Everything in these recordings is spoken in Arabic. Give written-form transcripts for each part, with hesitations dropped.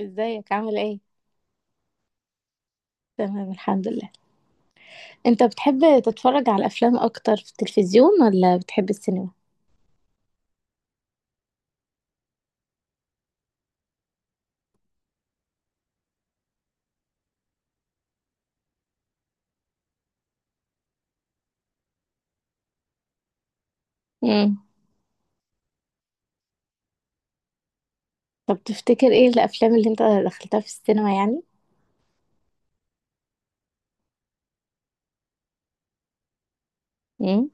ازيك عامل ايه؟ تمام، الحمد لله. انت بتحب تتفرج على افلام اكتر في التلفزيون ولا بتحب السينما؟ امم. طب تفتكر ايه الافلام اللي انت دخلتها في السينما يعني؟ امم.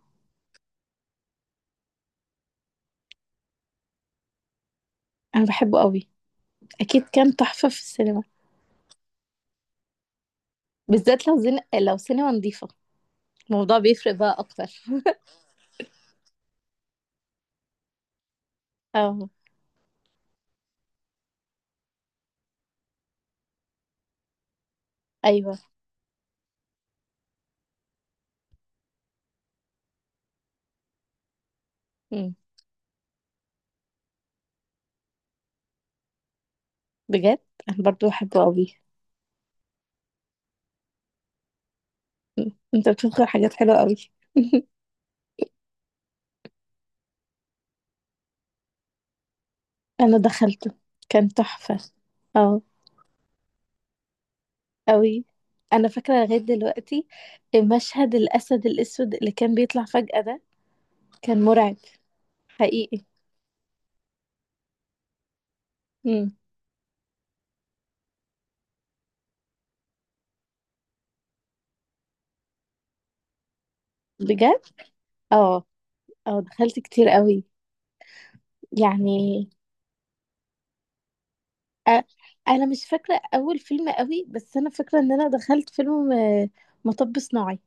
انا بحبه قوي. اكيد كان تحفة في السينما. بالذات لو سينما نظيفة، الموضوع بيفرق بقى اكتر. اه. ايوه. امم. بجد. انا برضو بحبه قوي. مم. انت بتدخل حاجات حلوة قوي. انا دخلته، كان تحفة. اه. أوي. أنا فاكرة لغاية دلوقتي مشهد الأسد الأسود اللي كان بيطلع فجأة ده، كان مرعب. حقيقي. امم. بجد. اه، اه دخلت كتير قوي. يعني، أ- أنا مش فاكرة أول فيلم قوي، بس أنا فاكرة إن أنا دخلت فيلم مطب صناعي.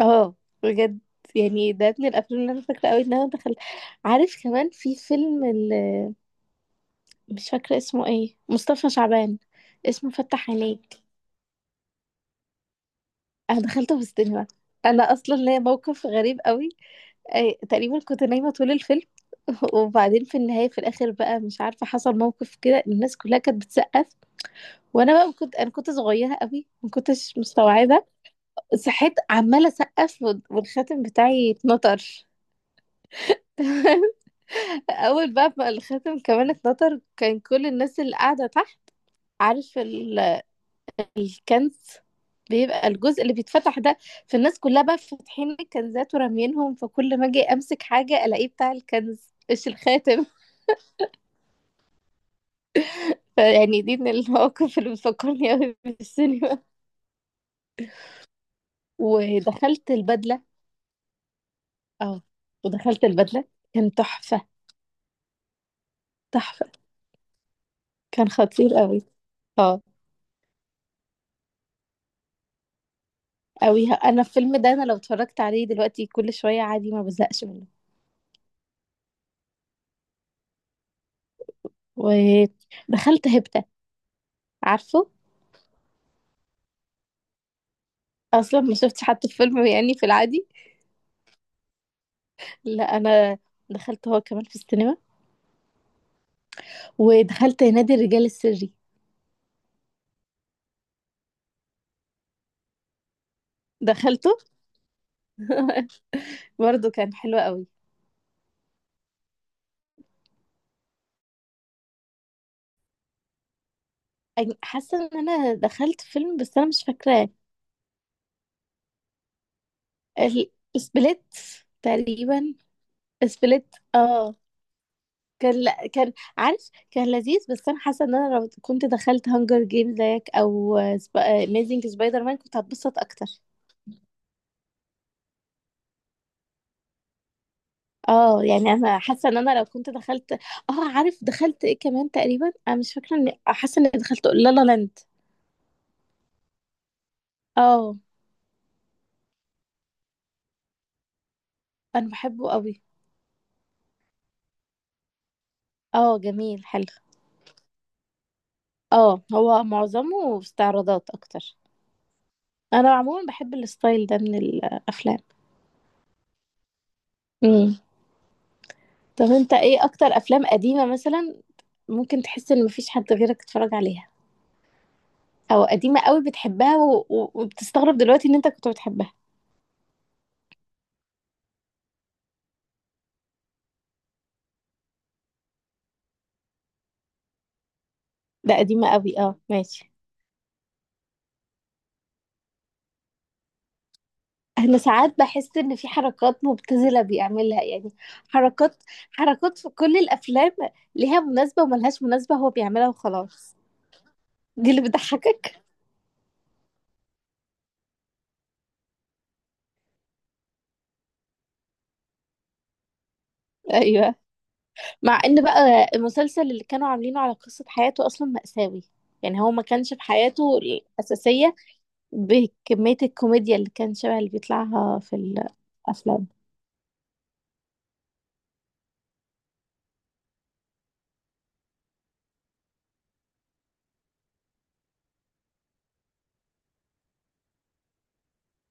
اه، بجد. يعني ده من الأفلام اللي أنا فاكرة قوي إن أنا دخلت. عارف، كمان في فيلم مش فاكرة اسمه ايه، مصطفى شعبان، اسمه فتح عينيك. انا دخلت في السينما. انا اصلا ليا موقف غريب قوي. أي تقريبا كنت نايمه طول الفيلم. وبعدين في النهايه، في الاخر بقى، مش عارفه، حصل موقف كده الناس كلها كانت بتسقف. وانا بقى انا كنت صغيره قوي، ما كنتش مستوعبه. صحيت عماله اسقف، والخاتم بتاعي اتنطر. اول بقى ما الخاتم كمان اتنطر، كان كل الناس اللي قاعده تحت، عارف الكنز، بيبقى الجزء اللي بيتفتح ده، في الناس كلها بقى فاتحين الكنزات ورامينهم، فكل ما اجي امسك حاجه الاقيه بتاع الكنز مش الخاتم. فيعني دي من المواقف اللي بتفكرني قوي بالسينما. ودخلت البدله. اه. ودخلت البدله، كان تحفه. تحفه، كان خطير قوي. اه، قوي. انا الفيلم ده، انا لو اتفرجت عليه دلوقتي كل شويه عادي ما بزهقش منه. ودخلت هبته، عارفه. اصلا ما شفتش حتى الفيلم يعني في العادي. لا، انا دخلت هو كمان في السينما. ودخلت نادي الرجال السري، دخلته. برضه كان حلو قوي. أنا حاسه ان انا دخلت فيلم، بس انا مش فاكراه. سبليت، تقريبا. سبليت، اه. كان، لا، كان، عارف، كان لذيذ، بس انا حاسه ان انا لو كنت دخلت هانجر جيم زيك او اميزنج سبايدر مان كنت هتبسط اكتر. اه، يعني انا حاسه ان انا لو كنت دخلت. اه، عارف دخلت ايه كمان، تقريبا انا مش فاكره، ان حاسه اني دخلت لا لا لاند. اه، انا بحبه قوي. اه، جميل حلو. اه، هو معظمه استعراضات اكتر. انا عموما بحب الستايل ده من الافلام. امم. طب انت، ايه اكتر افلام قديمة مثلا ممكن تحس ان مفيش حد غيرك اتفرج عليها، او قديمة قوي بتحبها، و... و... وبتستغرب دلوقتي ان انت كنت بتحبها؟ ده قديمة قوي، اه، ماشي. انا ساعات بحس ان في حركات مبتذلة بيعملها، يعني، حركات، حركات في كل الافلام ليها مناسبة وملهاش مناسبة، هو بيعملها وخلاص. دي اللي بتضحكك؟ ايوه. مع ان بقى المسلسل اللي كانوا عاملينه على قصة حياته اصلا مأساوي، يعني هو ما كانش في حياته الأساسية بكمية الكوميديا اللي كان شبه اللي بيطلعها في الأفلام.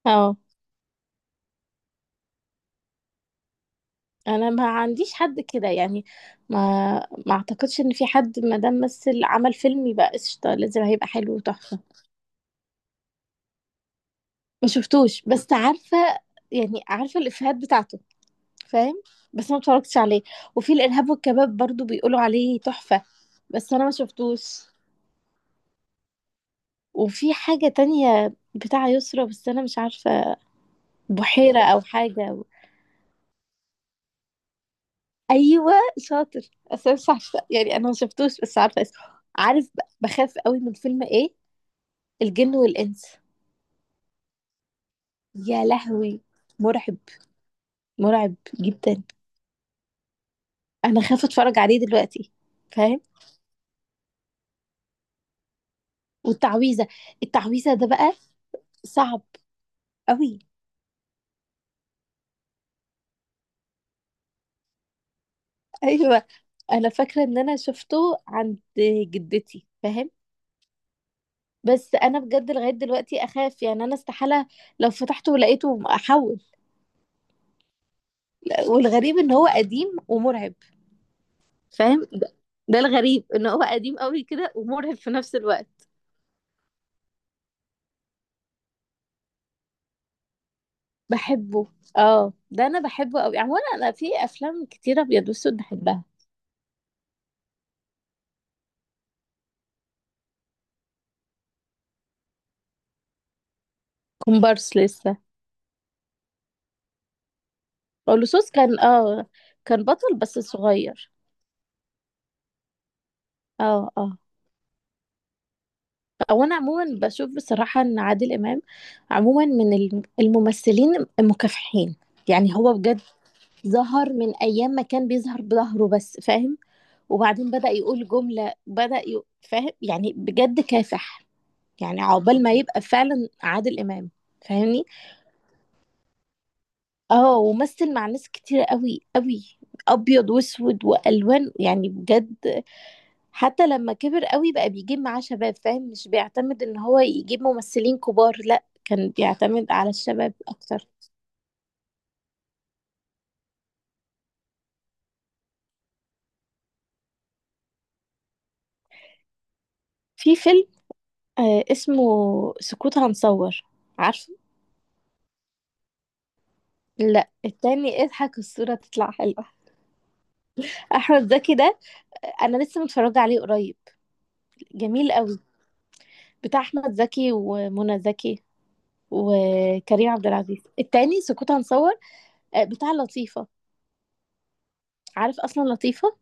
اه، انا ما عنديش حد كده، يعني ما ما اعتقدش ان في حد، ما دام مثل عمل فيلم يبقى قشطة، لازم هيبقى حلو وتحفة. ما شفتوش بس عارفة، يعني عارفة الإفيهات بتاعته، فاهم، بس ما اتفرجتش عليه. وفي الارهاب والكباب برضو بيقولوا عليه تحفة، بس انا ما شفتوش. وفي حاجة تانية بتاع يسرا بس انا مش عارفة، بحيرة او حاجة. ايوه، شاطر، بس انا مش عارفة، يعني انا ما شفتوش، بس عارفة اسمه. عارف، بخاف قوي من فيلم ايه، الجن والانس. يا لهوي، مرعب، مرعب جدا. انا خايفة اتفرج عليه دلوقتي. فاهم. والتعويذة، التعويذة ده بقى صعب قوي. ايوه، انا فاكره ان انا شفته عند جدتي، فاهم. بس انا بجد لغايه دلوقتي اخاف، يعني انا استحاله لو فتحته لقيته احول. والغريب ان هو قديم ومرعب. فاهم، ده الغريب ان هو قديم قوي كده ومرعب في نفس الوقت. بحبه. اه، ده انا بحبه قوي. عموما انا في افلام كتيره ابيض واسود بحبها. كومبارس لسه. لصوص، كان بطل بس صغير. اه، اه، او انا عموما بشوف بصراحه ان عادل امام عموما من الممثلين المكافحين، يعني هو بجد ظهر من ايام ما كان بيظهر بظهره بس، فاهم. وبعدين بدأ يقول جمله، بدأ فاهم، يعني بجد كافح، يعني عقبال ما يبقى فعلا عادل امام، فاهمني. اه، ومثل مع ناس كتير قوي قوي، ابيض واسود والوان، يعني بجد. حتى لما كبر قوي بقى بيجيب معاه شباب، فاهم، مش بيعتمد ان هو يجيب ممثلين كبار، لا، كان بيعتمد على الشباب اكتر. في فيلم اسمه سكوت هنصور، عارفه. لا، التاني، اضحك الصورة تطلع حلوة. احمد زكي ده، انا لسه متفرجة عليه قريب. جميل قوي. بتاع احمد زكي ومنى زكي وكريم عبد العزيز، التاني سكوت هنصور. بتاع لطيفة. عارف اصلا لطيفة؟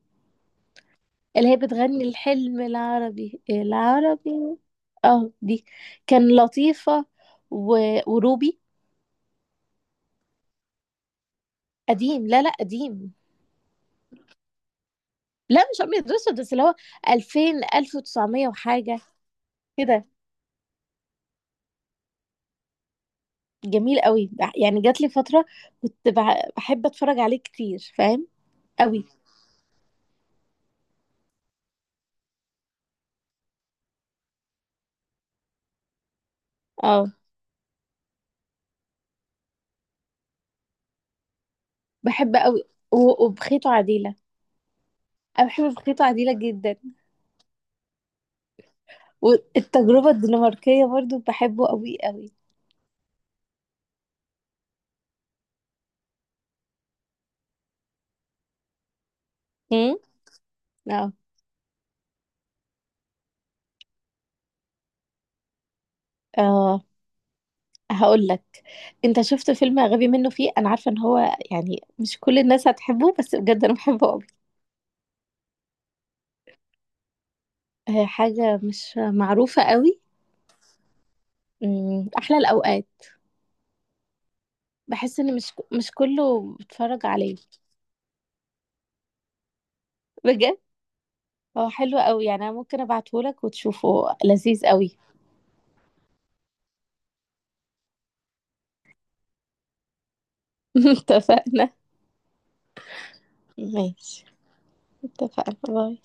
اللي هي بتغني الحلم العربي العربي. اه، دي كان لطيفة و... وروبي. قديم. لا، لا، قديم. لا مش ابيض واسود، بس اللي هو 2000، 1900 وحاجة كده. جميل قوي، يعني جات لي فترة كنت بحب اتفرج عليه كتير، فاهم، قوي. اه بحب قوي، وبخيت وعديلة. انا بحب بخيت وعديلة جدا. والتجربة الدنماركية برضو بحبه قوي قوي. امم. اه، اه، هقول لك. انت شفت فيلم غبي منه، فيه، انا عارفه ان هو، يعني مش كل الناس هتحبه، بس بجد انا بحبه قوي. حاجه مش معروفه قوي. احلى الاوقات. بحس ان مش كله بيتفرج عليه. بجد، هو حلو قوي، يعني انا ممكن ابعته لك وتشوفه، لذيذ قوي. اتفقنا. ماشي. اتفقنا. باي.